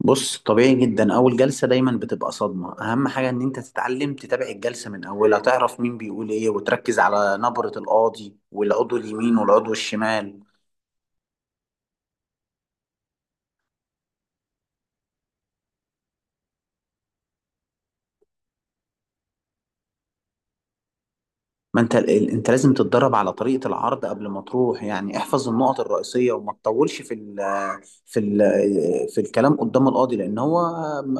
بص، طبيعي جدا. اول جلسه دايما بتبقى صدمه. اهم حاجه ان انت تتعلم تتابع الجلسه من اولها، تعرف مين بيقول ايه، وتركز على نبره القاضي والعضو اليمين والعضو الشمال. ما انت انت لازم تتدرب على طريقه العرض قبل ما تروح، يعني احفظ النقط الرئيسيه وما تطولش في ال في الكلام قدام القاضي لان هو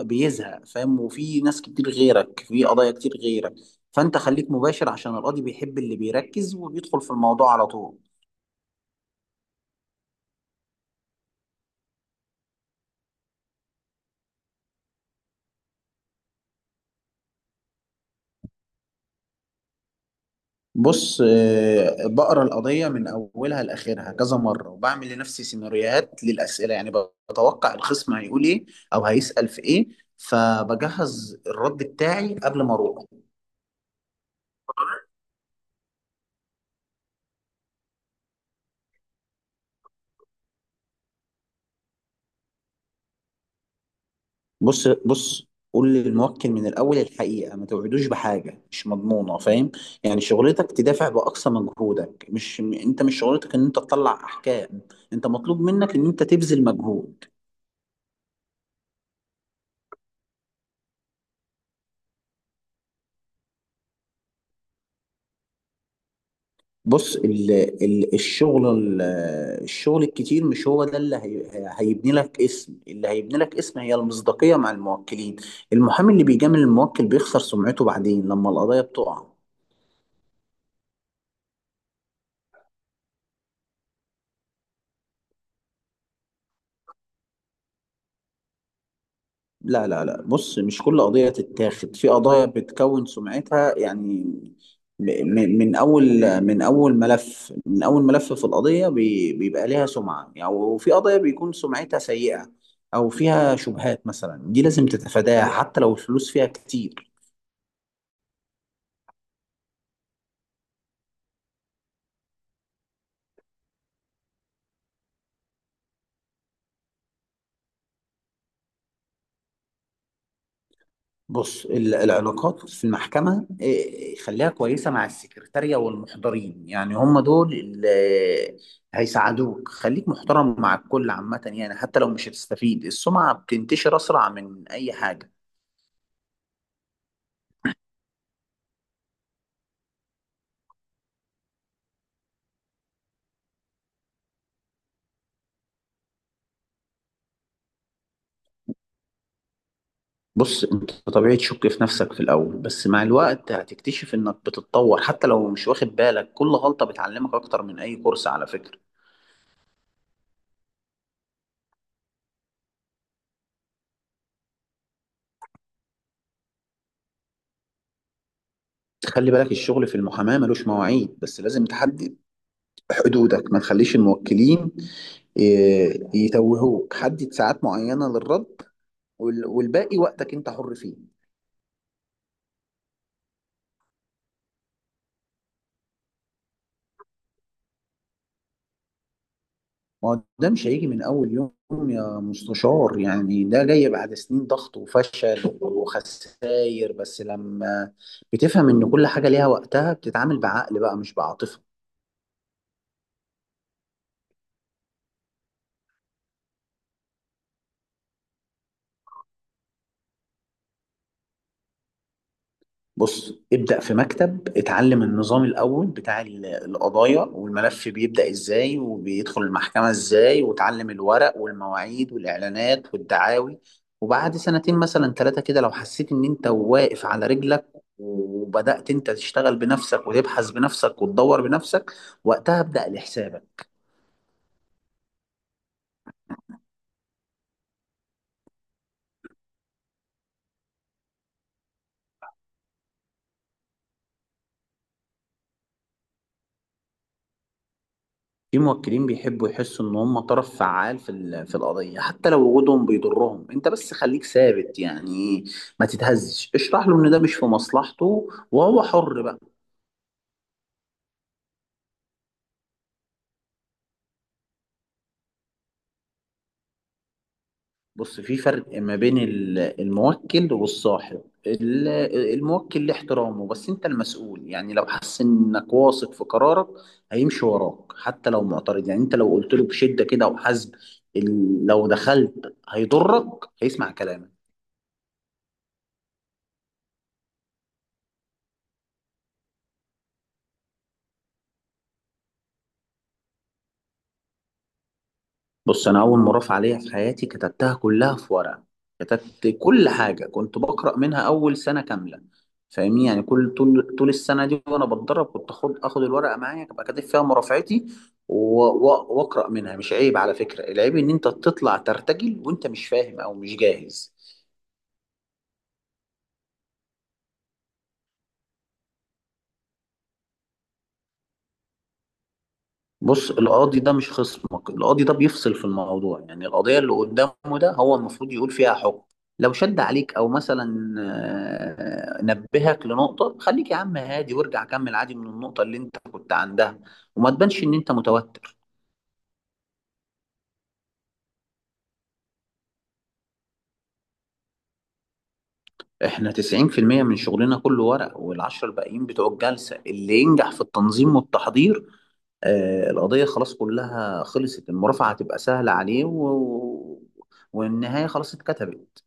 بيزهق، فاهم، وفي ناس كتير غيرك في قضايا كتير غيرك. فانت خليك مباشر عشان القاضي بيحب اللي بيركز وبيدخل في الموضوع على طول. بص، بقرا القضية من أولها لآخرها كذا مرة وبعمل لنفسي سيناريوهات للأسئلة، يعني بتوقع الخصم هيقول إيه أو هيسأل في إيه، فبجهز الرد بتاعي قبل ما أروح. بص بص، قول للموكل من الأول الحقيقة، ما توعدوش بحاجة مش مضمونة، فاهم. يعني شغلتك تدافع بأقصى مجهودك، مش أنت مش شغلتك إن أنت تطلع أحكام، أنت مطلوب منك إن أنت تبذل مجهود. بص، الشغل الكتير مش هو ده اللي هيبني لك اسم. اللي هيبني لك اسم هي المصداقية مع الموكلين. المحامي اللي بيجامل الموكل بيخسر سمعته بعدين لما القضايا بتقع. لا لا لا، بص، مش كل قضية تتاخد. في قضايا بتكون سمعتها، يعني، م- من أول ملف في القضية بيبقى ليها سمعة، يعني. وفي قضايا بيكون سمعتها سيئة أو فيها شبهات مثلا، دي لازم تتفاداها حتى لو الفلوس فيها كتير. بص، العلاقات في المحكمة، خليها كويسة مع السكرتارية والمحضرين، يعني هم دول اللي هيساعدوك. خليك محترم مع الكل عامة، يعني حتى لو مش هتستفيد السمعة بتنتشر أسرع من أي حاجة. بص، انت طبيعي تشك في نفسك في الأول، بس مع الوقت هتكتشف انك بتتطور حتى لو مش واخد بالك. كل غلطة بتعلمك أكتر من أي كورس على فكرة. خلي بالك، الشغل في المحاماة ملوش مواعيد، بس لازم تحدد حدودك. ما تخليش الموكلين يتوهوك. حدد ساعات معينة للرد والباقي وقتك انت حر فيه. ما هو ده مش هيجي من اول يوم، يا مستشار. يعني ده جاي بعد سنين ضغط وفشل وخسائر، بس لما بتفهم ان كل حاجة ليها وقتها، بتتعامل بعقل بقى مش بعاطفة. بص، ابدأ في مكتب، اتعلم النظام الأول بتاع القضايا، والملف بيبدأ ازاي وبيدخل المحكمة ازاي، وتعلم الورق والمواعيد والإعلانات والدعاوي. وبعد سنتين مثلا 3 كده لو حسيت إن أنت واقف على رجلك وبدأت أنت تشتغل بنفسك وتبحث بنفسك وتدور بنفسك، وقتها ابدأ لحسابك. في موكلين بيحبوا يحسوا ان هم طرف فعال في القضيه حتى لو وجودهم بيضرهم. انت بس خليك ثابت، يعني ما تتهزش. اشرح له ان ده مش في مصلحته وهو حر بقى. بص، في فرق ما بين الموكل والصاحب. ال- الموكل له احترامه، بس انت المسؤول. يعني لو حس انك واثق في قرارك هيمشي وراك حتى لو معترض. يعني انت لو قلت له بشده كده وحزم، لو دخلت هيضرك هيسمع كلامك. بص، انا اول مرافعه ليا في حياتي كتبتها كلها في ورقه. كتبت كل حاجه كنت بقرا منها اول سنه كامله، فاهمني. يعني كل طول السنه دي وانا بتدرب كنت اخد الورقه معايا ابقى كاتب فيها مرافعتي واقرا منها. مش عيب على فكره. العيب ان انت تطلع ترتجل وانت مش فاهم او مش جاهز. بص، القاضي ده مش خصمك. القاضي ده بيفصل في الموضوع، يعني القضية اللي قدامه ده هو المفروض يقول فيها حكم. لو شد عليك او مثلا نبهك لنقطة، خليك يا عم هادي وارجع كمل عادي من النقطة اللي انت كنت عندها، وما تبانش ان انت متوتر. احنا 90% من شغلنا كله ورق، والعشرة الباقيين بتوع الجلسة. اللي ينجح في التنظيم والتحضير، القضية خلاص كلها خلصت، المرافعة هتبقى سهلة عليه والنهاية خلاص اتكتبت.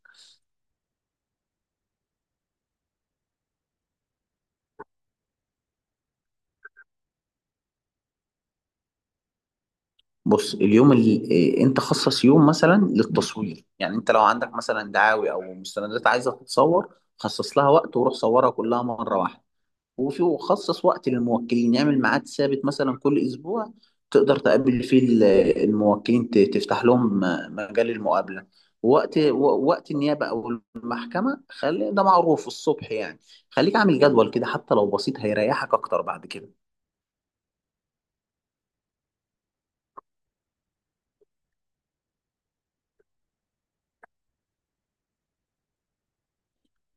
بص، اليوم اللي إيه، انت خصص يوم مثلا للتصوير. يعني انت لو عندك مثلا دعاوي او مستندات عايزه تتصور، خصص لها وقت وروح صورها كلها مره واحده. وخصص وقت للموكلين، يعمل ميعاد ثابت مثلا كل اسبوع تقدر تقابل فيه الموكلين، تفتح لهم مجال المقابله. وقت وقت النيابه او المحكمه خلي ده معروف الصبح، يعني خليك عامل جدول كده حتى لو بسيط هيريحك اكتر بعد كده.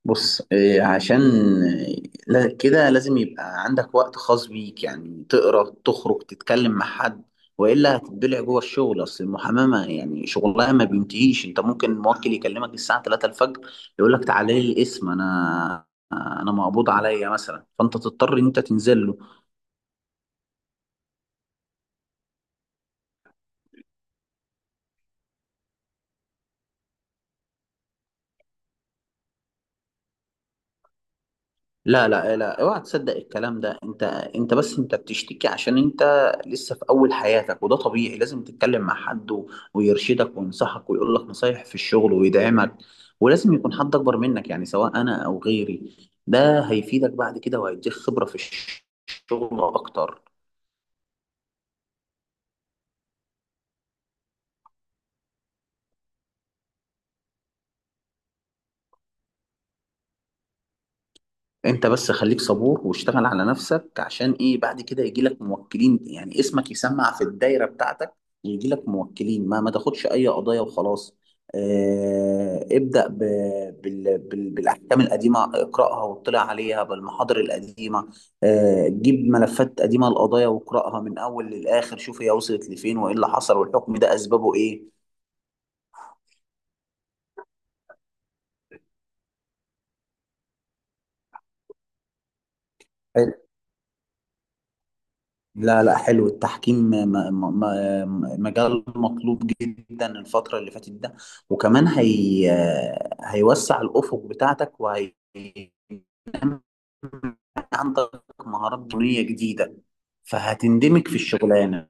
بص، عشان آه، كده لازم يبقى عندك وقت خاص بيك، يعني تقرا، تخرج، تتكلم مع حد، والا هتتبلع جوه الشغل. اصل المحاماه يعني شغلها ما بينتهيش. انت ممكن موكل يكلمك الساعه 3 الفجر يقول لك تعالى لي القسم، انا مقبوض عليا مثلا، فانت تضطر ان انت تنزل له. لا لا لا، اوعى تصدق الكلام ده. انت بس، انت بتشتكي عشان انت لسه في اول حياتك وده طبيعي. لازم تتكلم مع حد ويرشدك وينصحك ويقول لك نصايح في الشغل ويدعمك. ولازم يكون حد اكبر منك، يعني سواء انا او غيري. ده هيفيدك بعد كده وهيديك خبرة في الشغل اكتر. انت بس خليك صبور واشتغل على نفسك عشان ايه بعد كده يجي لك موكلين، يعني اسمك يسمع في الدايرة بتاعتك ويجي لك موكلين. ما تاخدش اي قضايا وخلاص. اه ابدأ بالاحكام القديمة، اقرأها واطلع عليها بالمحاضر القديمة. اه جيب ملفات قديمة القضايا واقرأها من اول للاخر، شوف هي وصلت لفين وايه اللي حصل والحكم ده اسبابه ايه. لا لا، حلو التحكيم. مجال مطلوب جدا الفترة اللي فاتت ده. وكمان هيوسع الأفق بتاعتك وهي عندك مهارات بنية جديدة، فهتندمج في الشغلانة.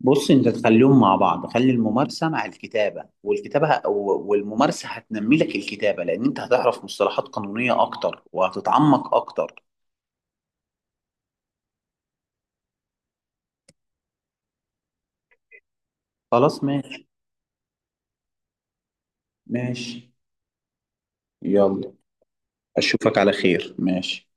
بص، انت تخليهم مع بعض، خلي الممارسة مع الكتابة، والكتابة والممارسة هتنمي لك الكتابة، لأن انت هتعرف مصطلحات قانونية أكتر وهتتعمق أكتر. خلاص، ماشي ماشي، يلا. أشوفك على خير، ماشي.